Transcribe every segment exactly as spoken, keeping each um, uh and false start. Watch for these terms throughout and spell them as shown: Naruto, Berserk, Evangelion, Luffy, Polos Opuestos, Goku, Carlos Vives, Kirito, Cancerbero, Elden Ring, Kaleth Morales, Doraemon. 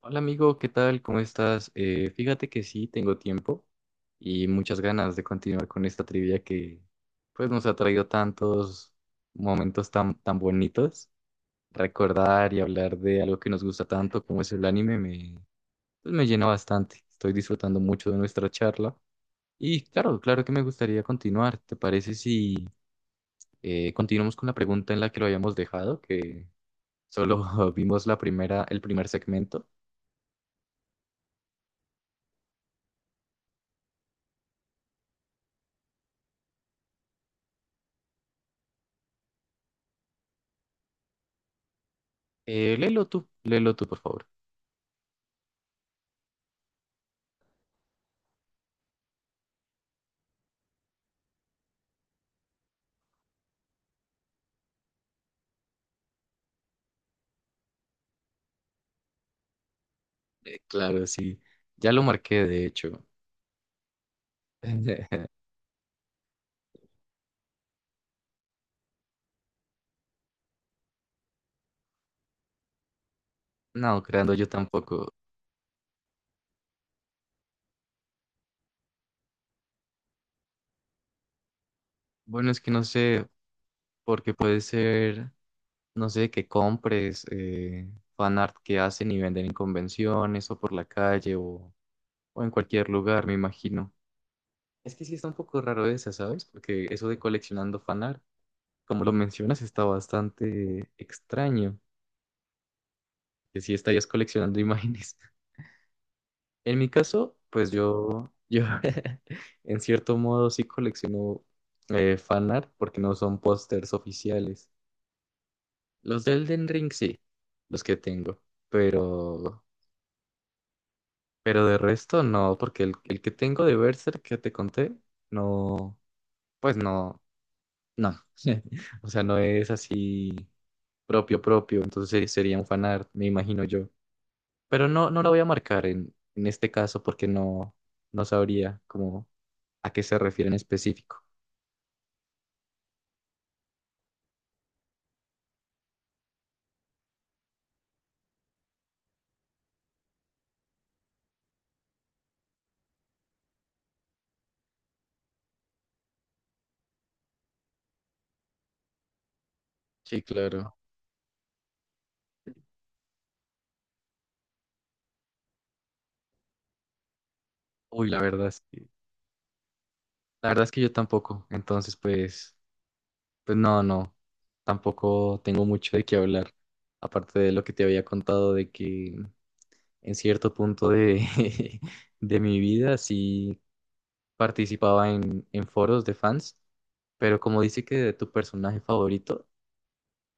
Hola amigo, ¿qué tal? ¿Cómo estás? Eh, fíjate que sí, tengo tiempo y muchas ganas de continuar con esta trivia que pues nos ha traído tantos momentos tan, tan bonitos. Recordar y hablar de algo que nos gusta tanto como es el anime me, pues, me llena bastante. Estoy disfrutando mucho de nuestra charla y claro, claro que me gustaría continuar. ¿Te parece si eh, continuamos con la pregunta en la que lo habíamos dejado, que solo vimos la primera, el primer segmento? Eh, léelo tú, léelo tú, por favor. Eh, Claro, sí. Ya lo marqué, de hecho. No, creando yo tampoco. Bueno, es que no sé, porque puede ser, no sé, que compres eh, fanart que hacen y venden en convenciones o por la calle o, o en cualquier lugar, me imagino. Es que sí está un poco raro esa, ¿sabes? Porque eso de coleccionando fanart, como lo mencionas, está bastante extraño, que sí estarías coleccionando imágenes. En mi caso, pues yo, yo en cierto modo sí colecciono eh, fanart porque no son pósters oficiales. Los de Elden Ring sí, los que tengo, pero, pero de resto no, porque el, el que tengo de Berserk que te conté, no, pues no, no. O sea, no es así propio propio, entonces sería un fanart, me imagino yo. Pero no, no lo voy a marcar en, en este caso porque no, no sabría cómo a qué se refiere en específico. Sí, claro. Uy, la verdad es que, la verdad es que yo tampoco. Entonces, pues, pues no, no, tampoco tengo mucho de qué hablar. Aparte de lo que te había contado de que en cierto punto de, de mi vida sí participaba en, en foros de fans, pero como dice que de tu personaje favorito,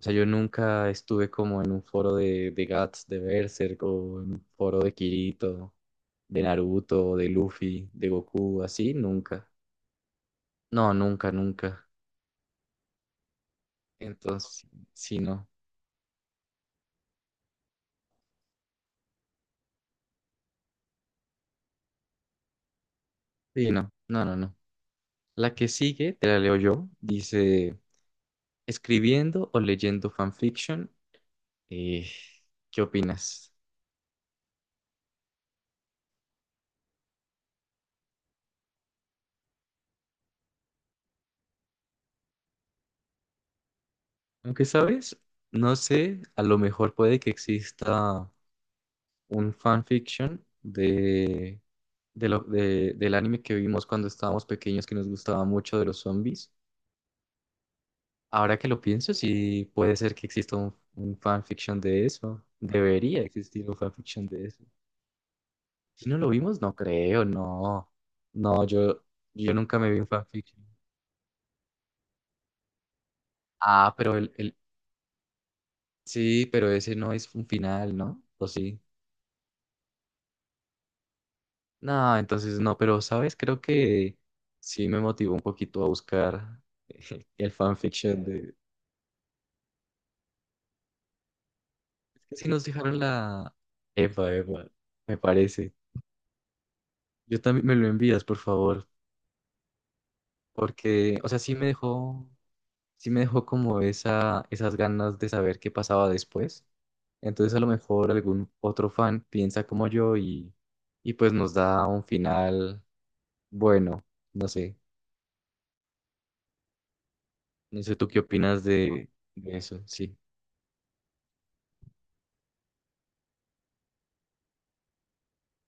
o sea, yo nunca estuve como en un foro de, de Guts, de Berserk o en un foro de Kirito de Naruto, de Luffy, de Goku, así, nunca. No, nunca, nunca. Entonces, sí, no. Sí, no. No, no, no. La que sigue, te la leo yo, dice, escribiendo o leyendo fanfiction, eh, ¿qué opinas? Aunque sabes, no sé, a lo mejor puede que exista un fanfiction de, de lo, de- del anime que vimos cuando estábamos pequeños que nos gustaba mucho de los zombies. Ahora que lo pienso, sí puede ser que exista un, un fanfiction de eso. Debería existir un fanfiction de eso. Si no lo vimos, no creo, no. No, yo, yo nunca me vi un fanfiction. Ah, pero el, el, sí, pero ese no es un final, ¿no? ¿O sí? No, entonces no, pero sabes, creo que sí me motivó un poquito a buscar el fanfiction de... Es que sí nos dejaron la... Epa, epa, me parece. Yo también me lo envías, por favor. Porque, o sea, sí me dejó, sí me dejó como esa, esas ganas de saber qué pasaba después. Entonces a lo mejor algún otro fan piensa como yo y, y pues nos da un final bueno. No sé, no sé tú qué opinas de, de eso, sí.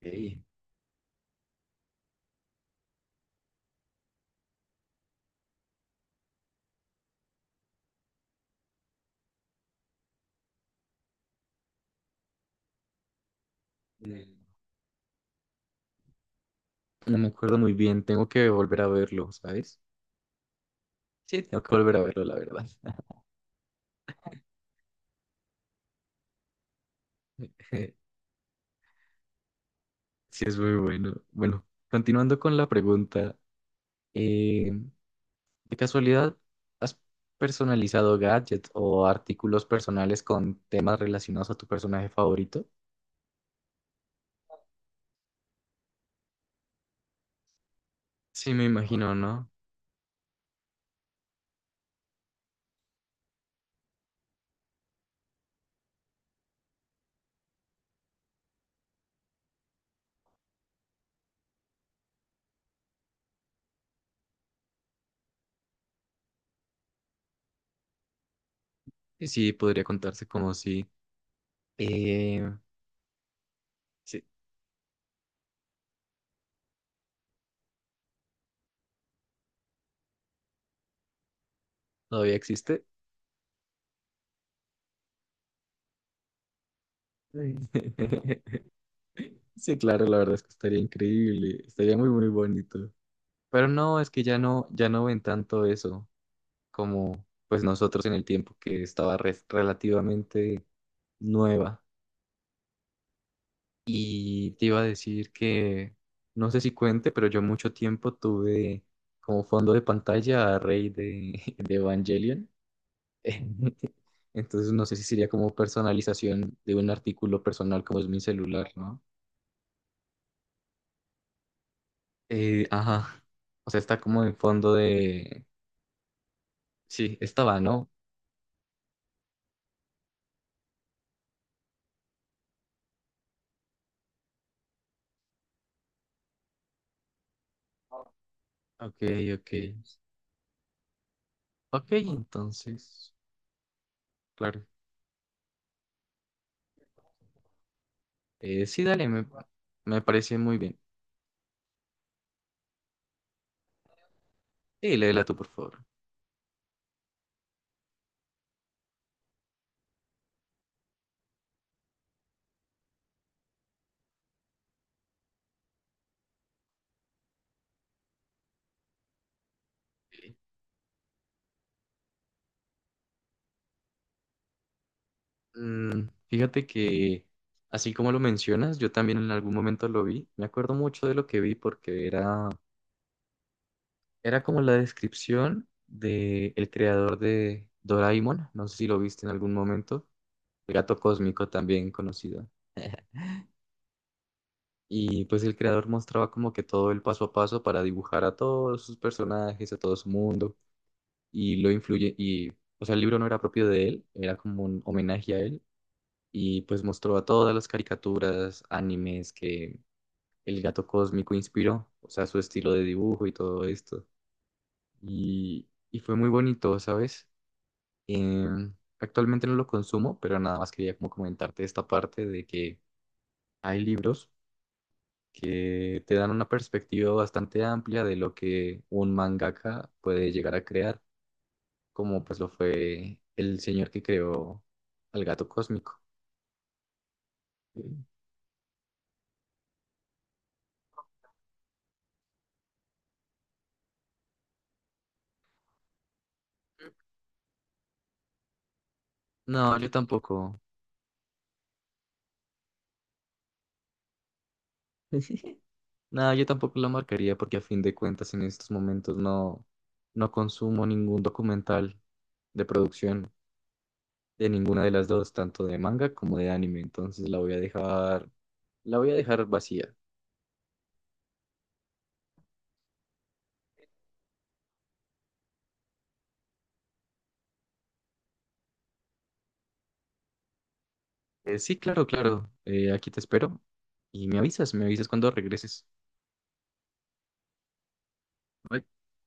Ey, eh, no me acuerdo muy bien, tengo que volver a verlo, ¿sabes? Sí, tengo que volver a verlo, la verdad. Sí, es muy bueno. Bueno, continuando con la pregunta. eh, ¿De casualidad has personalizado gadgets o artículos personales con temas relacionados a tu personaje favorito? Sí, me imagino, ¿no? Y sí, podría contarse como si... Eh, sí, todavía existe. Sí, sí, claro, la verdad es que estaría increíble, estaría muy, muy bonito. Pero no, es que ya no, ya no ven tanto eso como pues nosotros en el tiempo que estaba re- relativamente nueva. Y te iba a decir que, no sé si cuente, pero yo mucho tiempo tuve como fondo de pantalla a Rey de, de Evangelion. Entonces no sé si sería como personalización de un artículo personal como es mi celular, ¿no? Eh, ajá. O sea, está como en fondo de... Sí, estaba, ¿no? Ok, ok. Ok, entonces, claro. Eh, sí, dale, me, me parece muy bien. Y léela tú, por favor. Mm, fíjate que, así como lo mencionas, yo también en algún momento lo vi. Me acuerdo mucho de lo que vi porque era, era como la descripción del creador de Doraemon. No sé si lo viste en algún momento. El gato cósmico también conocido. Y pues el creador mostraba como que todo el paso a paso para dibujar a todos sus personajes, a todo su mundo. Y lo influye. Y, o sea, el libro no era propio de él, era como un homenaje a él. Y pues mostró a todas las caricaturas, animes que el gato cósmico inspiró, o sea, su estilo de dibujo y todo esto. Y, y fue muy bonito, ¿sabes? Em, actualmente no lo consumo, pero nada más quería como comentarte esta parte de que hay libros que te dan una perspectiva bastante amplia de lo que un mangaka puede llegar a crear, como pues lo fue el señor que creó al gato cósmico. No, yo tampoco. No, yo tampoco la marcaría porque a fin de cuentas en estos momentos no, no consumo ningún documental de producción de ninguna de las dos, tanto de manga como de anime, entonces la voy a dejar, la voy a dejar vacía. Eh, sí, claro, claro, eh, aquí te espero y me avisas, me avisas cuando regreses. Bye.